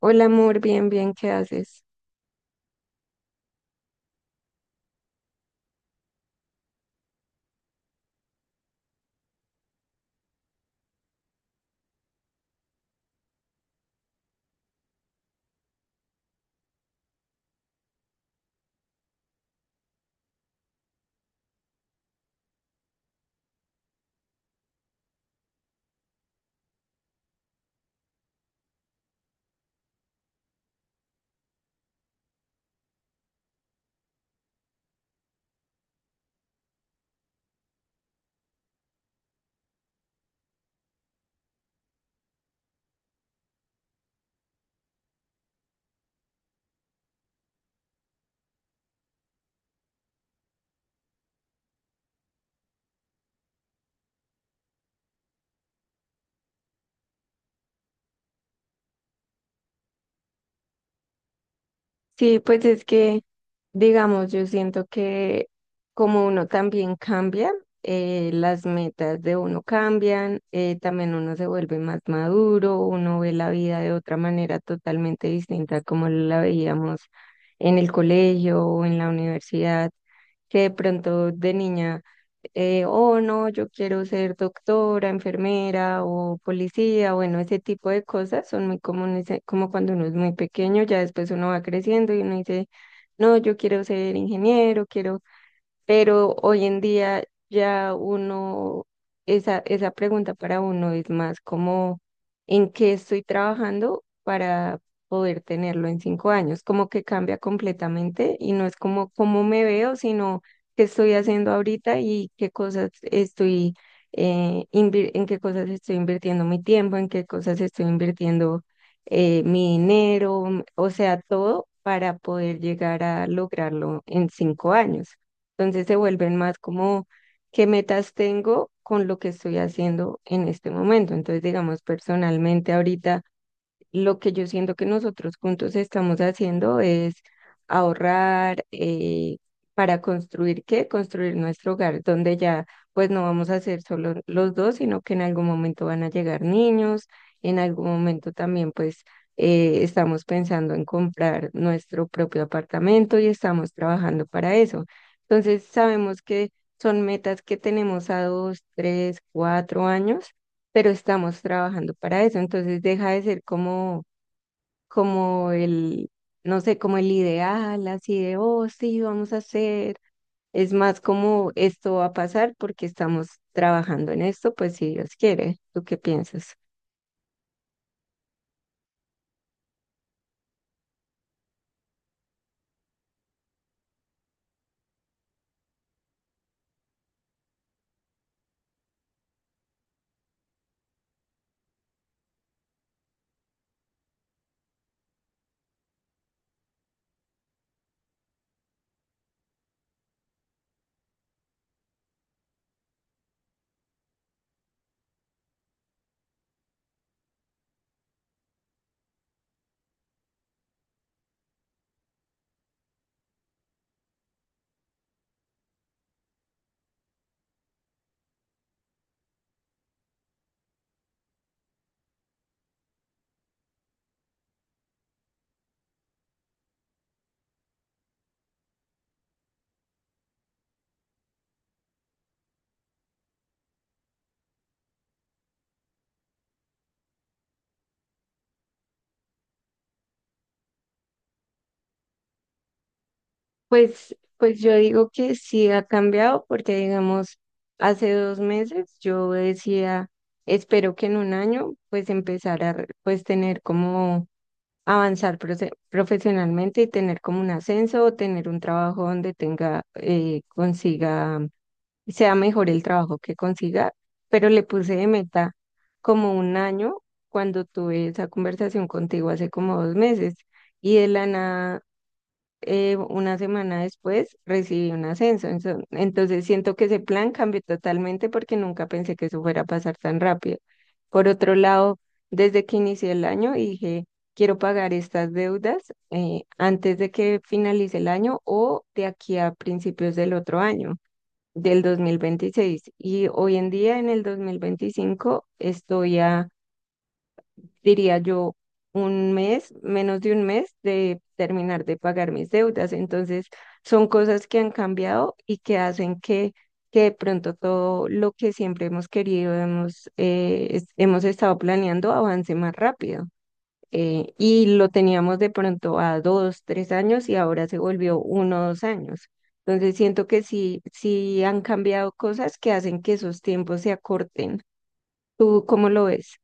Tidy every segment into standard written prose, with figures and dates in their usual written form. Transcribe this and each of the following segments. Hola amor, bien, bien, ¿qué haces? Sí, pues es que, digamos, yo siento que como uno también cambia, las metas de uno cambian, también uno se vuelve más maduro, uno ve la vida de otra manera totalmente distinta a como la veíamos en el colegio o en la universidad, que de pronto de niña oh no, yo quiero ser doctora, enfermera o policía. Bueno, ese tipo de cosas son muy comunes, como cuando uno es muy pequeño, ya después uno va creciendo y uno dice, no, yo quiero ser ingeniero, quiero. Pero hoy en día ya uno, esa pregunta para uno es más como, ¿en qué estoy trabajando para poder tenerlo en 5 años? Como que cambia completamente y no es como cómo me veo, sino qué estoy haciendo ahorita y qué cosas estoy, en qué cosas estoy invirtiendo mi tiempo, en qué cosas estoy invirtiendo mi dinero, o sea, todo para poder llegar a lograrlo en 5 años. Entonces se vuelven más como qué metas tengo con lo que estoy haciendo en este momento. Entonces, digamos, personalmente ahorita lo que yo siento que nosotros juntos estamos haciendo es ahorrar para construir qué, construir nuestro hogar, donde ya pues no vamos a ser solo los dos, sino que en algún momento van a llegar niños. En algún momento también pues estamos pensando en comprar nuestro propio apartamento y estamos trabajando para eso. Entonces sabemos que son metas que tenemos a 2, 3, 4 años, pero estamos trabajando para eso. Entonces deja de ser como el, no sé, como el ideal, así de, oh, sí, vamos a hacer. Es más como esto va a pasar porque estamos trabajando en esto, pues si Dios quiere. ¿Tú qué piensas? Pues yo digo que sí ha cambiado porque, digamos, hace 2 meses yo decía, espero que en un año pues empezar a, pues tener como avanzar profesionalmente y tener como un ascenso o tener un trabajo donde tenga, consiga, sea mejor el trabajo que consiga, pero le puse de meta como un año cuando tuve esa conversación contigo hace como 2 meses y de la nada una semana después recibí un ascenso. Entonces siento que ese plan cambió totalmente porque nunca pensé que eso fuera a pasar tan rápido. Por otro lado, desde que inicié el año dije, quiero pagar estas deudas antes de que finalice el año o de aquí a principios del otro año, del 2026. Y hoy en día, en el 2025, estoy a, diría yo, un mes, menos de un mes de terminar de pagar mis deudas. Entonces, son cosas que han cambiado y que hacen que de pronto todo lo que siempre hemos querido, hemos estado planeando, avance más rápido. Y lo teníamos de pronto a 2, 3 años y ahora se volvió uno o dos años. Entonces siento que sí, sí han cambiado cosas que hacen que esos tiempos se acorten. ¿Tú cómo lo ves?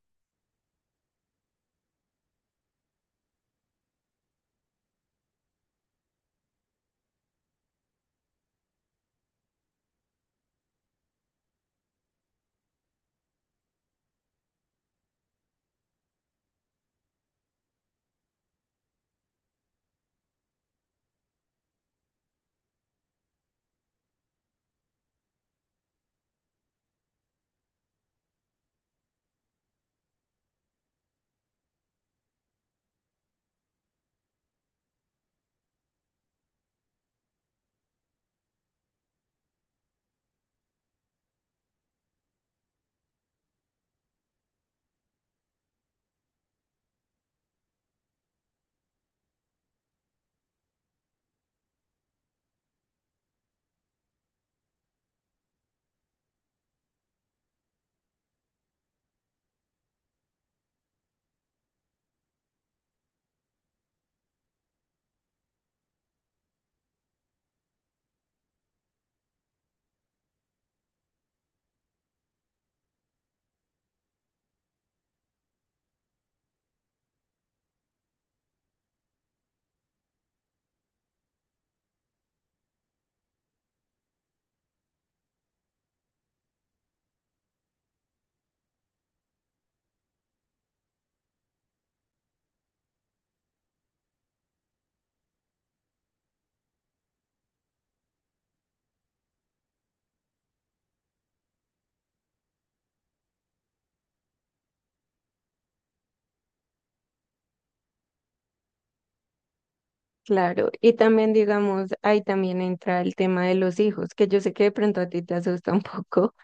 Claro, y también digamos, ahí también entra el tema de los hijos, que yo sé que de pronto a ti te asusta un poco,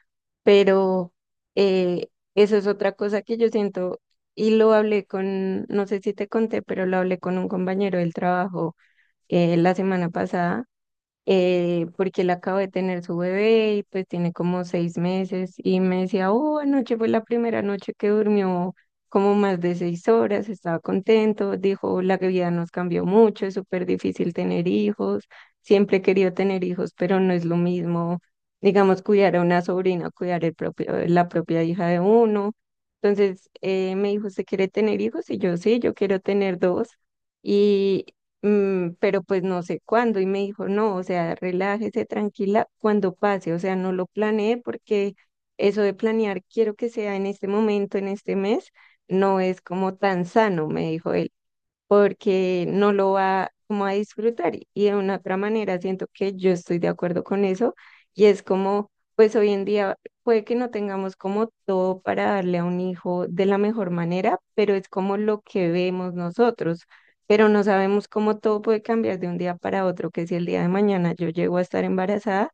pero eh, eso es otra cosa que yo siento y lo hablé con, no sé si te conté, pero lo hablé con un compañero del trabajo la semana pasada porque él acaba de tener su bebé y pues tiene como 6 meses y me decía, oh, anoche fue la primera noche que durmió como más de 6 horas, estaba contento, dijo, la vida nos cambió mucho, es súper difícil tener hijos, siempre he querido tener hijos, pero no es lo mismo, digamos, cuidar a una sobrina, cuidar el propio, la propia hija de uno. Entonces me dijo, ¿usted quiere tener hijos? Y yo sí, yo quiero tener dos, pero pues no sé cuándo. Y me dijo, no, o sea, relájese, tranquila, cuando pase. O sea, no lo planeé porque eso de planear, quiero que sea en este momento, en este mes, no es como tan sano, me dijo él, porque no lo va como a disfrutar. Y de una otra manera siento que yo estoy de acuerdo con eso y es como, pues hoy en día puede que no tengamos como todo para darle a un hijo de la mejor manera, pero es como lo que vemos nosotros. Pero no sabemos cómo todo puede cambiar de un día para otro, que si el día de mañana yo llego a estar embarazada,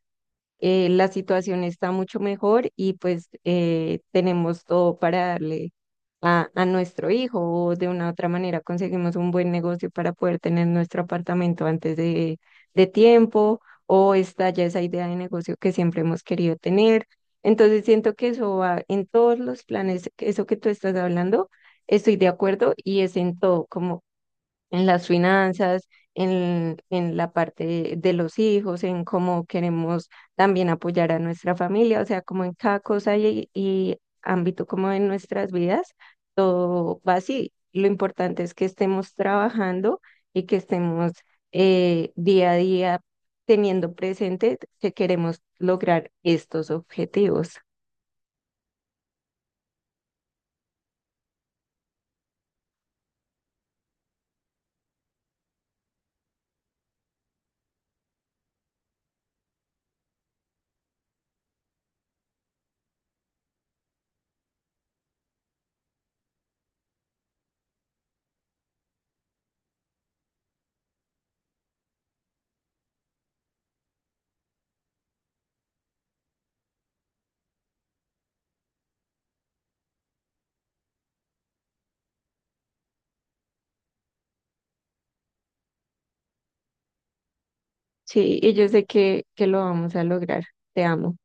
la situación está mucho mejor y pues tenemos todo para darle a nuestro hijo, o de una u otra manera conseguimos un buen negocio para poder tener nuestro apartamento antes de tiempo, o está ya esa idea de negocio que siempre hemos querido tener. Entonces siento que eso va en todos los planes, que eso que tú estás hablando, estoy de acuerdo y es en todo, como en las finanzas, en la parte de los hijos, en cómo queremos también apoyar a nuestra familia, o sea, como en cada cosa y ámbito como en nuestras vidas, todo va así. Lo importante es que estemos trabajando y que estemos día a día teniendo presente que queremos lograr estos objetivos. Sí, y yo sé que lo vamos a lograr. Te amo.